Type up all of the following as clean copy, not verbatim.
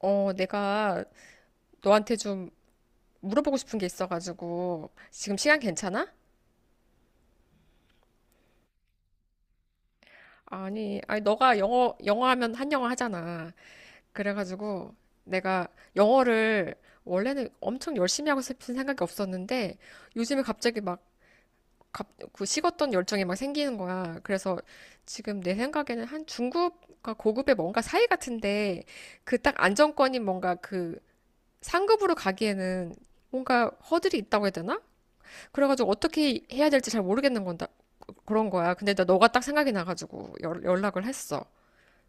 어, 내가 너한테 좀 물어보고 싶은 게 있어가지고 지금 시간 괜찮아? 아니, 아니 너가 영어 하면 한영어 하잖아. 그래가지고 내가 영어를 원래는 엄청 열심히 하고 싶은 생각이 없었는데 요즘에 갑자기 막 갑, 그 식었던 열정이 막 생기는 거야. 그래서 지금 내 생각에는 한 중급과 고급의 뭔가 사이 같은데 그 딱 안정권인 뭔가 그 상급으로 가기에는 뭔가 허들이 있다고 해야 되나? 그래가지고 어떻게 해야 될지 잘 모르겠는 건다 그런 거야. 근데 나 너가 딱 생각이 나가지고 연락을 했어.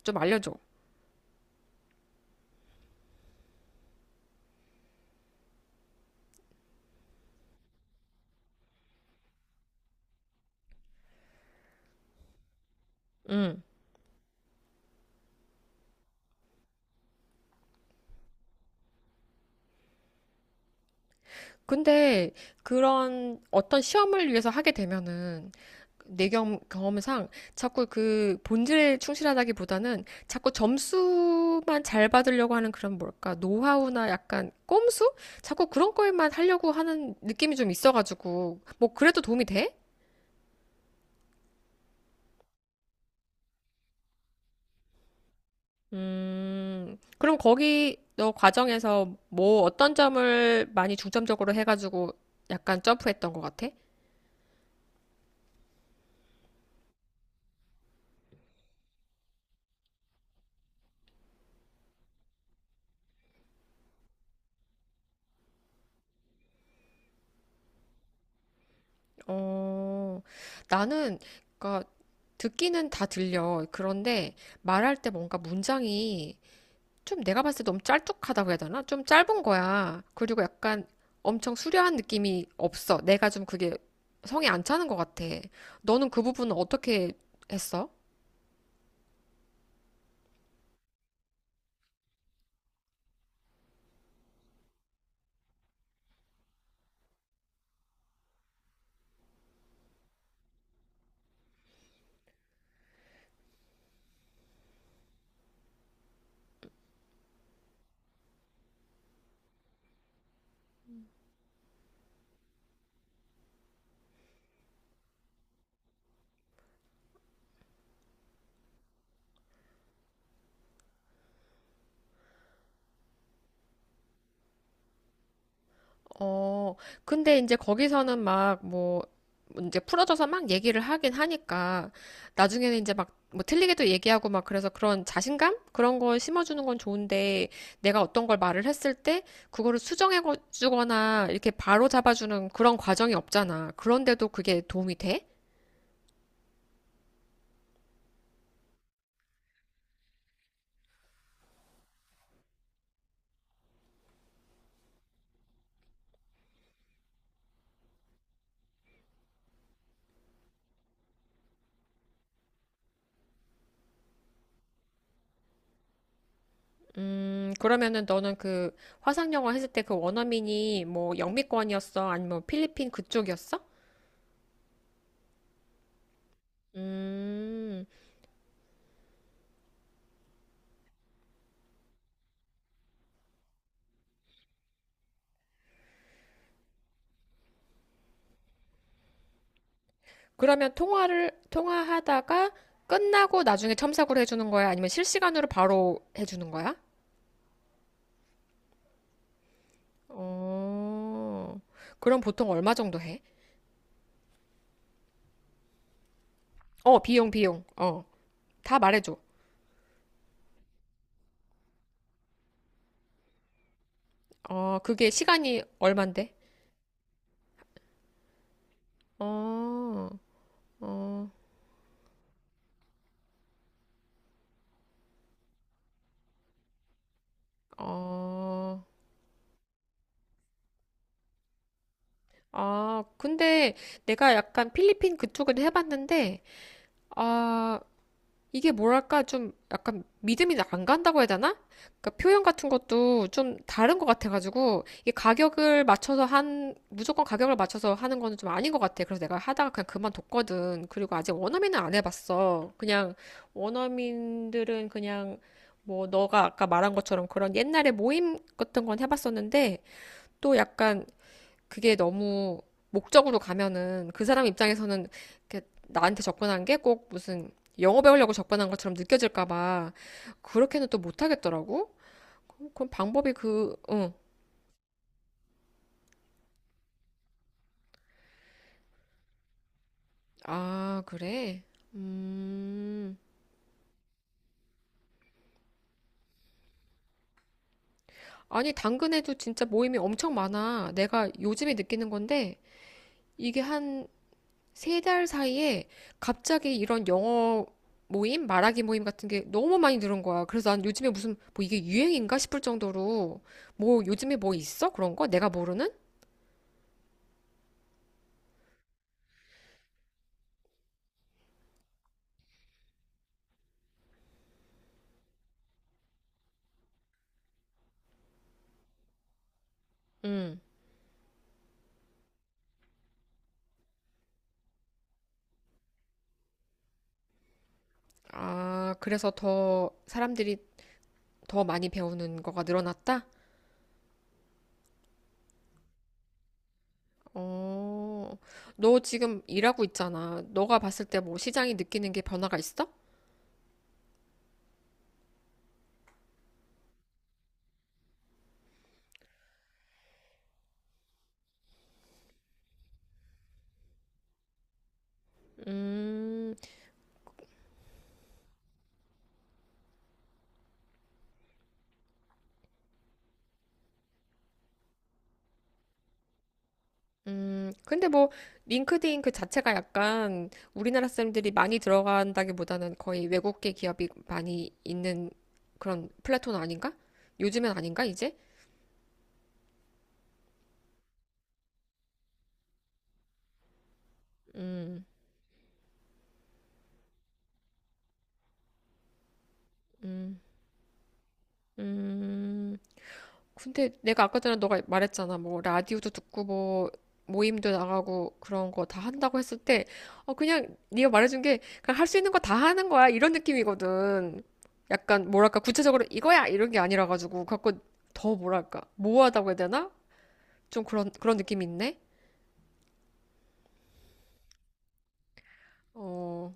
좀 알려줘. 응. 근데 그런 어떤 시험을 위해서 하게 되면은 내 경험상 자꾸 그 본질에 충실하다기보다는 자꾸 점수만 잘 받으려고 하는 그런 뭘까 노하우나 약간 꼼수? 자꾸 그런 거에만 하려고 하는 느낌이 좀 있어가지고 뭐 그래도 도움이 돼? 그럼 거기 너 과정에서 뭐 어떤 점을 많이 중점적으로 해가지고 약간 점프했던 것 같아? 어, 나는 그니까 듣기는 다 들려. 그런데 말할 때 뭔가 문장이 좀 내가 봤을 때 너무 짤뚝하다고 해야 되나? 좀 짧은 거야. 그리고 약간 엄청 수려한 느낌이 없어. 내가 좀 그게 성에 안 차는 것 같아. 너는 그 부분은 어떻게 했어? 어, 근데 이제 거기서는 막 뭐, 이제 풀어져서 막 얘기를 하긴 하니까, 나중에는 이제 막, 뭐 틀리게도 얘기하고 막 그래서 그런 자신감? 그런 걸 심어주는 건 좋은데, 내가 어떤 걸 말을 했을 때, 그거를 수정해주거나, 이렇게 바로 잡아주는 그런 과정이 없잖아. 그런데도 그게 도움이 돼? 그러면은 너는 그 화상영어 했을 때 그 원어민이 뭐 영미권이었어? 아니면 필리핀 그쪽이었어? 음. 그러면 통화하다가 끝나고 나중에 첨삭으로 해주는 거야? 아니면 실시간으로 바로 해주는 거야? 어, 그럼 보통 얼마 정도 해? 어, 비용, 비용. 어, 다 말해줘. 어, 그게 시간이 얼만데? 어, 어, 어. 아, 근데 내가 약간 필리핀 그쪽에도 해봤는데, 아, 이게 뭐랄까 좀 약간 믿음이 안 간다고 해야 되나? 그러니까 표현 같은 것도 좀 다른 것 같아가지고 이게 가격을 맞춰서 한 무조건 가격을 맞춰서 하는 거는 좀 아닌 것 같아. 그래서 내가 하다가 그냥 그만뒀거든. 그리고 아직 원어민은 안 해봤어. 그냥 원어민들은 그냥 뭐 너가 아까 말한 것처럼 그런 옛날에 모임 같은 건 해봤었는데 또 약간 그게 너무 목적으로 가면은 그 사람 입장에서는 이렇게 나한테 접근한 게 꼭 무슨 영어 배우려고 접근한 것처럼 느껴질까 봐 그렇게는 또 못하겠더라고. 그럼 방법이 그, 응. 아, 그래? 음. 아니, 당근에도 진짜 모임이 엄청 많아. 내가 요즘에 느끼는 건데 이게 한 3달 사이에 갑자기 이런 영어 모임, 말하기 모임 같은 게 너무 많이 늘은 거야. 그래서 난 요즘에 무슨 뭐 이게 유행인가 싶을 정도로 뭐 요즘에 뭐 있어? 그런 거? 내가 모르는? 음. 아, 그래서 더 사람들이 더 많이 배우는 거가 늘어났다? 어, 너 지금 일하고 있잖아. 너가 봤을 때 뭐 시장이 느끼는 게 변화가 있어? 음, 근데 뭐 링크드인 그 자체가 약간 우리나라 사람들이 많이 들어간다기보다는 거의 외국계 기업이 많이 있는 그런 플랫폼 아닌가? 요즘엔 아닌가 이제? 음, 음, 음. 근데 내가 아까 전에 너가 말했잖아. 뭐 라디오도 듣고 뭐 모임도 나가고 그런 거 다 한다고 했을 때 그냥 네가 말해준 게 그냥 할 수 있는 거 다 하는 거야 이런 느낌이거든. 약간 뭐랄까 구체적으로 이거야 이런 게 아니라 가지고 갖고 더 뭐랄까 모호하다고 해야 되나? 좀 그런 느낌이 있네? 어,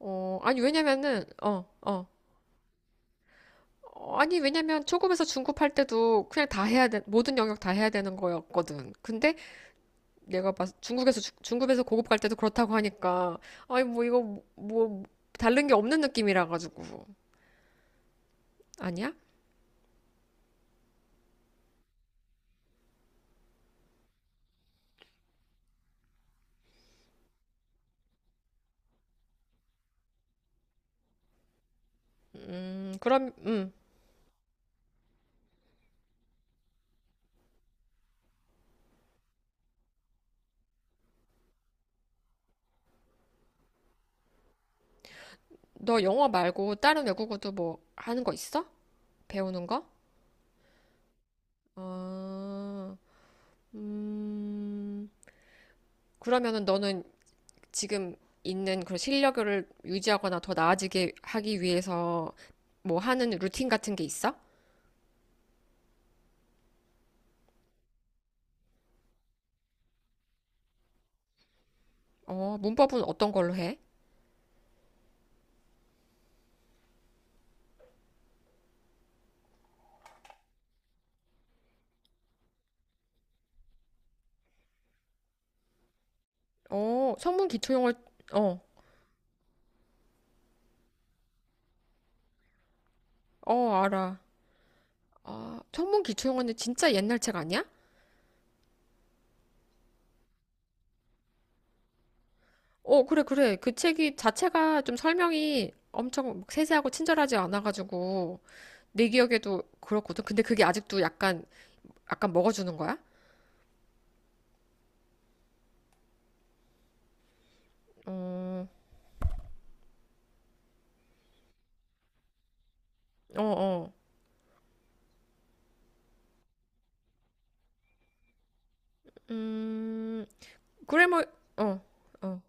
어, 아니, 왜냐면은, 어, 어. 어, 아니, 왜냐면 초급에서 중급할 때도 그냥 다 해야 돼, 모든 영역 다 해야 되는 거였거든. 근데 내가 봤, 중국에서, 주- 중급에서 고급 갈 때도 그렇다고 하니까, 아니, 뭐, 이거, 뭐 다른 게 없는 느낌이라 가지고. 아니야? 그럼, 너 영어 말고 다른 외국어도 뭐 하는 거 있어? 배우는 거? 어, 음, 그러면은 너는 지금 있는 그런 실력을 유지하거나 더 나아지게 하기 위해서 뭐 하는 루틴 같은 게 있어? 어, 문법은 어떤 걸로 해? 어, 천문 기초용어, 어, 어, 알아. 아, 천문 기초용어는 진짜 옛날 책 아니야? 어, 그래, 그래. 그 책이 자체가 좀 설명이 엄청 세세하고 친절하지 않아가지고 내 기억에도 그렇거든. 근데 그게 아직도 약간 먹어주는 거야? 어, 어. 음, 그래, 뭐, 어, 어.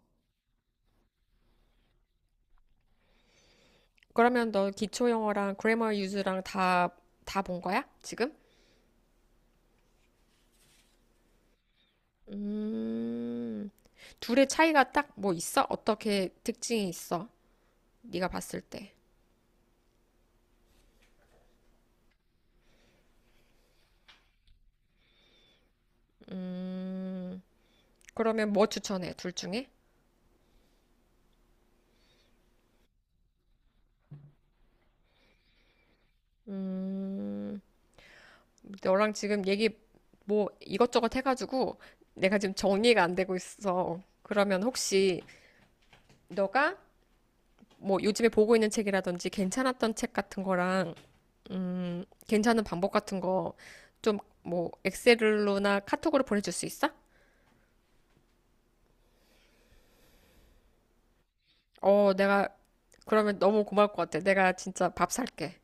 그러면 너 기초 영어랑 그래머 유즈랑 다 본 거야? 지금? 음, 둘의 차이가 딱 뭐 있어? 어떻게 특징이 있어? 네가 봤을 때. 음, 그러면 뭐 추천해? 둘 중에? 음, 너랑 지금 얘기 뭐 이것저것 해가지고 내가 지금 정리가 안 되고 있어. 그러면 혹시 너가 뭐 요즘에 보고 있는 책이라든지 괜찮았던 책 같은 거랑 괜찮은 방법 같은 거 좀 뭐 엑셀로나 카톡으로 보내줄 수 있어? 어, 내가 그러면 너무 고마울 것 같아. 내가 진짜 밥 살게.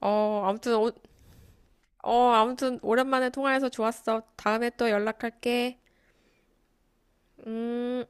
어, 아무튼 어, 아무튼 오랜만에 통화해서 좋았어. 다음에 또 연락할게. 음.